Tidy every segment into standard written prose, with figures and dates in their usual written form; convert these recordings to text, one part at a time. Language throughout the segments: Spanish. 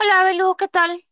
Hola, Belu, ¿qué tal?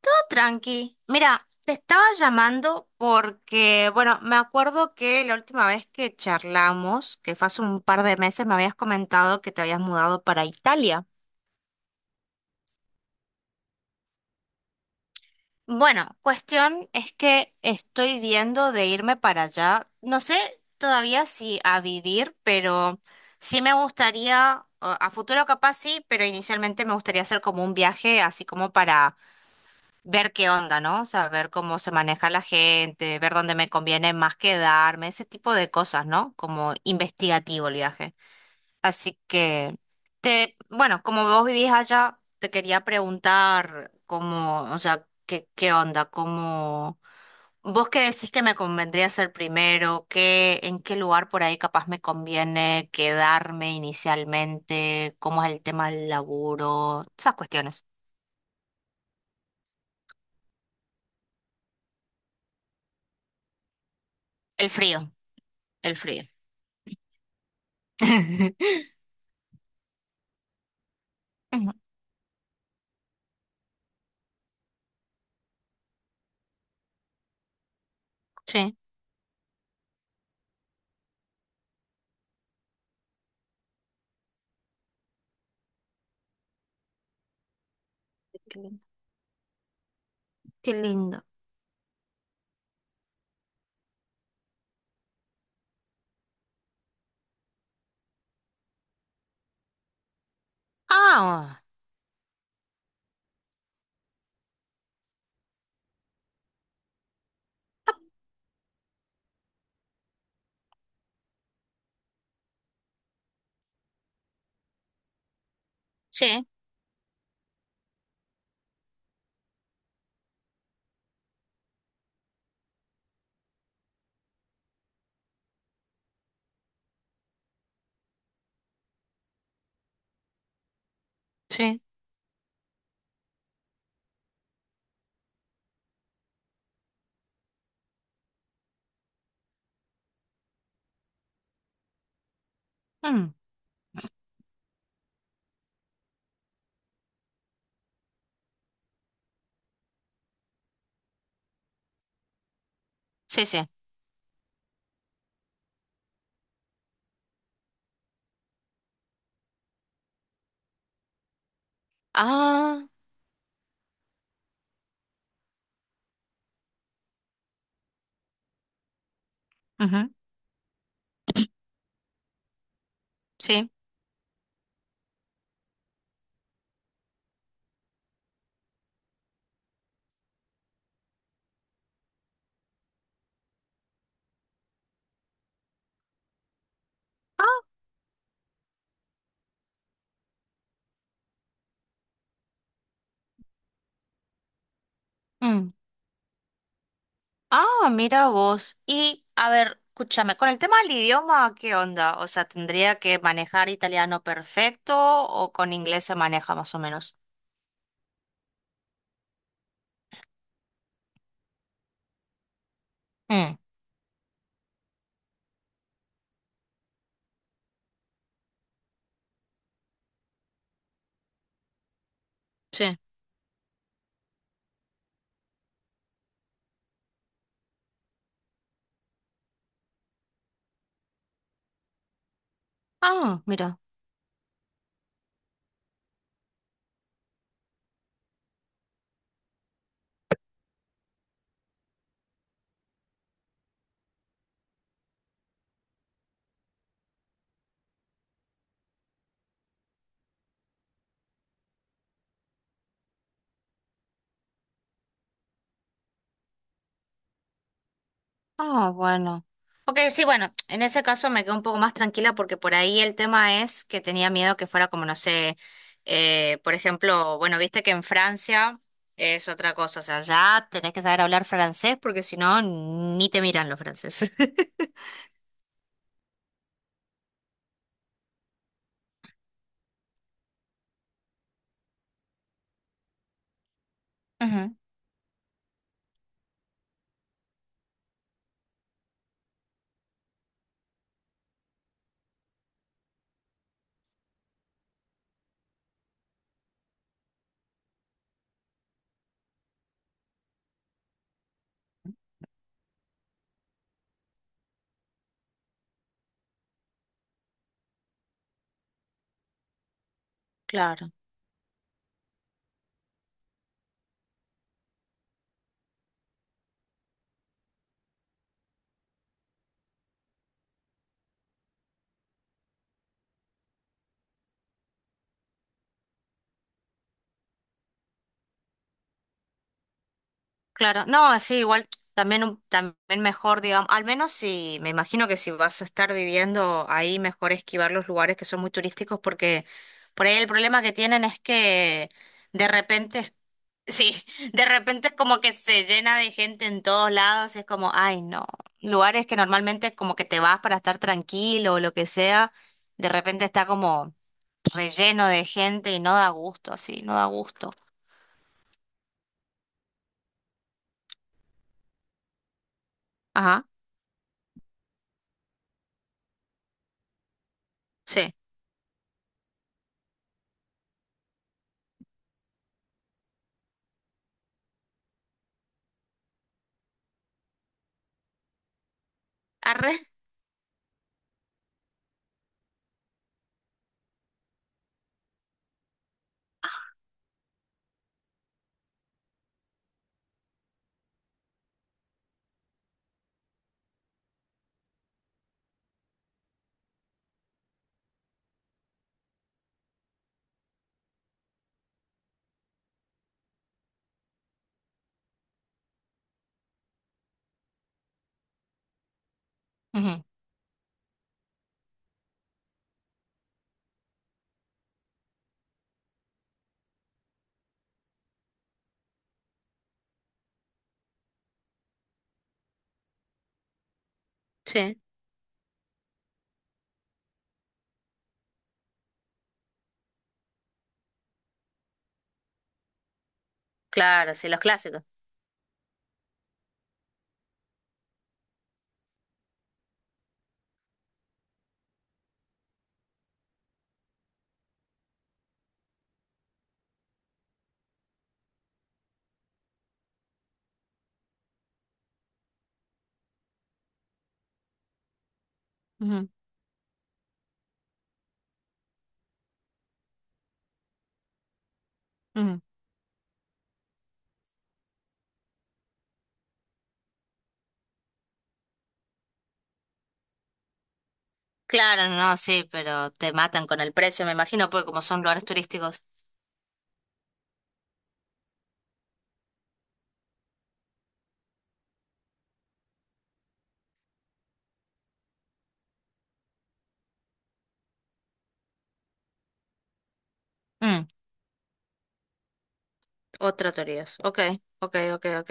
Todo tranqui. Mira, te estaba llamando porque, bueno, me acuerdo que la última vez que charlamos, que fue hace un par de meses, me habías comentado que te habías mudado para Italia. Bueno, cuestión es que estoy viendo de irme para allá. No sé todavía si a vivir, pero sí me gustaría, o a futuro capaz sí, pero inicialmente me gustaría hacer como un viaje, así como para ver qué onda, ¿no? O sea, ver cómo se maneja la gente, ver dónde me conviene más quedarme, ese tipo de cosas, ¿no? Como investigativo el viaje. Así que, te, bueno, como vos vivís allá, te quería preguntar cómo, o sea, qué, qué onda, cómo, vos qué decís que me convendría hacer primero, qué, en qué lugar por ahí capaz me conviene quedarme inicialmente, cómo es el tema del laburo, esas cuestiones. El frío, el frío. Sí. Qué lindo, qué lindo. Ah, sí, sí. Mm, sí, sí. Ah, ujú, sí. Ah, mm. Ah, mira vos. Y, a ver, escúchame, con el tema del idioma, ¿qué onda? O sea, ¿tendría que manejar italiano perfecto o con inglés se maneja más o menos? Mm, sí. Ah, mira. Ah, bueno. Ok, sí, bueno, en ese caso me quedo un poco más tranquila porque por ahí el tema es que tenía miedo que fuera como, no sé, por ejemplo, bueno, viste que en Francia es otra cosa, o sea, ya tenés que saber hablar francés porque si no, ni te miran los franceses. Ujú, claro. Claro, no, sí, igual también, un- también mejor, digamos, al menos si, me imagino que si vas a estar viviendo ahí, mejor esquivar los lugares que son muy turísticos porque por ahí el problema que tienen es que de repente, es- sí, de repente es como que se llena de gente en todos lados, es como, ay, no, lugares que normalmente como que te vas para estar tranquilo o lo que sea, de repente está como relleno de gente y no da gusto, así, no da gusto. Ajá, sí. Arre. Ujú. Sí. Claro, sí, los clásicos. Ujú, ujú. Claro, no, no, sí, pero te matan con el precio, me imagino, porque como son lugares turísticos. Mm, otro teorías. Ok, ok, ok, ok.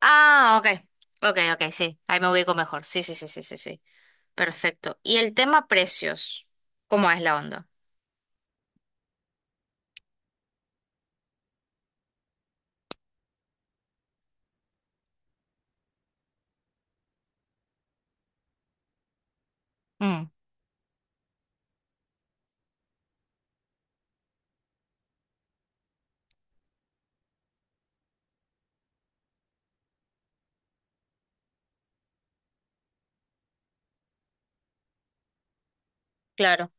Ah, ok, ok, ok, sí. Ahí me ubico mejor. Sí, sí, sí, sí, sí, sí. Perfecto. Y el tema precios, ¿cómo es la onda? Mm, claro.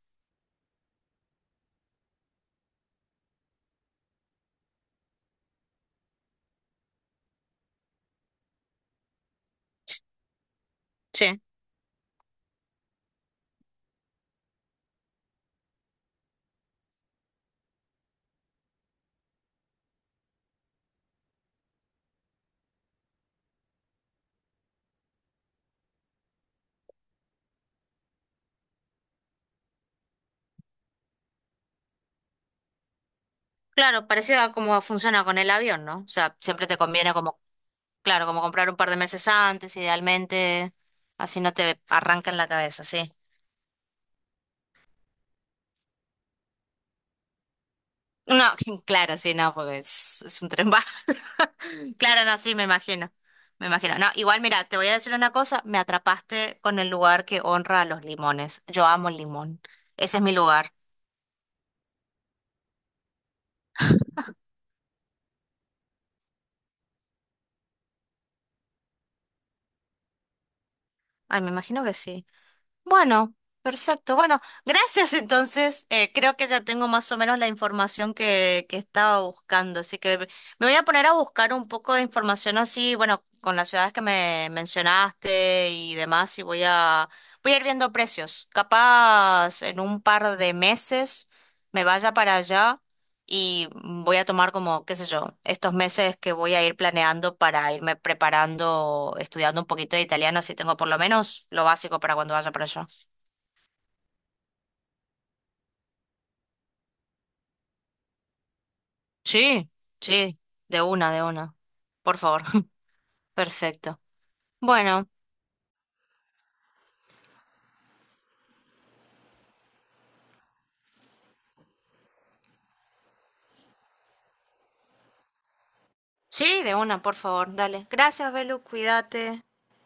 S- sí, claro, parecido a cómo funciona con el avión, ¿no? O sea, siempre te conviene como, claro, como comprar un par de meses antes, idealmente, así no te arranca en la cabeza, sí. No, claro, sí, no, porque es un tren bala. Claro, no, sí, me imagino. Me imagino. No, igual, mira, te voy a decir una cosa, me atrapaste con el lugar que honra a los limones. Yo amo el limón. Ese es mi lugar. Ay, me imagino que sí. Bueno, perfecto. Bueno, gracias entonces. Creo que ya tengo más o menos la información que estaba buscando, así que me voy a poner a buscar un poco de información así, bueno, con las ciudades que me mencionaste y demás, y voy a ir viendo precios. Capaz en un par de meses me vaya para allá y voy a tomar como, qué sé yo, estos meses que voy a ir planeando para irme preparando, estudiando un poquito de italiano, así tengo por lo menos lo básico para cuando vaya para allá. Sí, sí, de una, de una. Por favor. Perfecto. Bueno, sí, de una, por favor. Dale. Gracias, Belu, cuídate.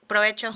Provecho.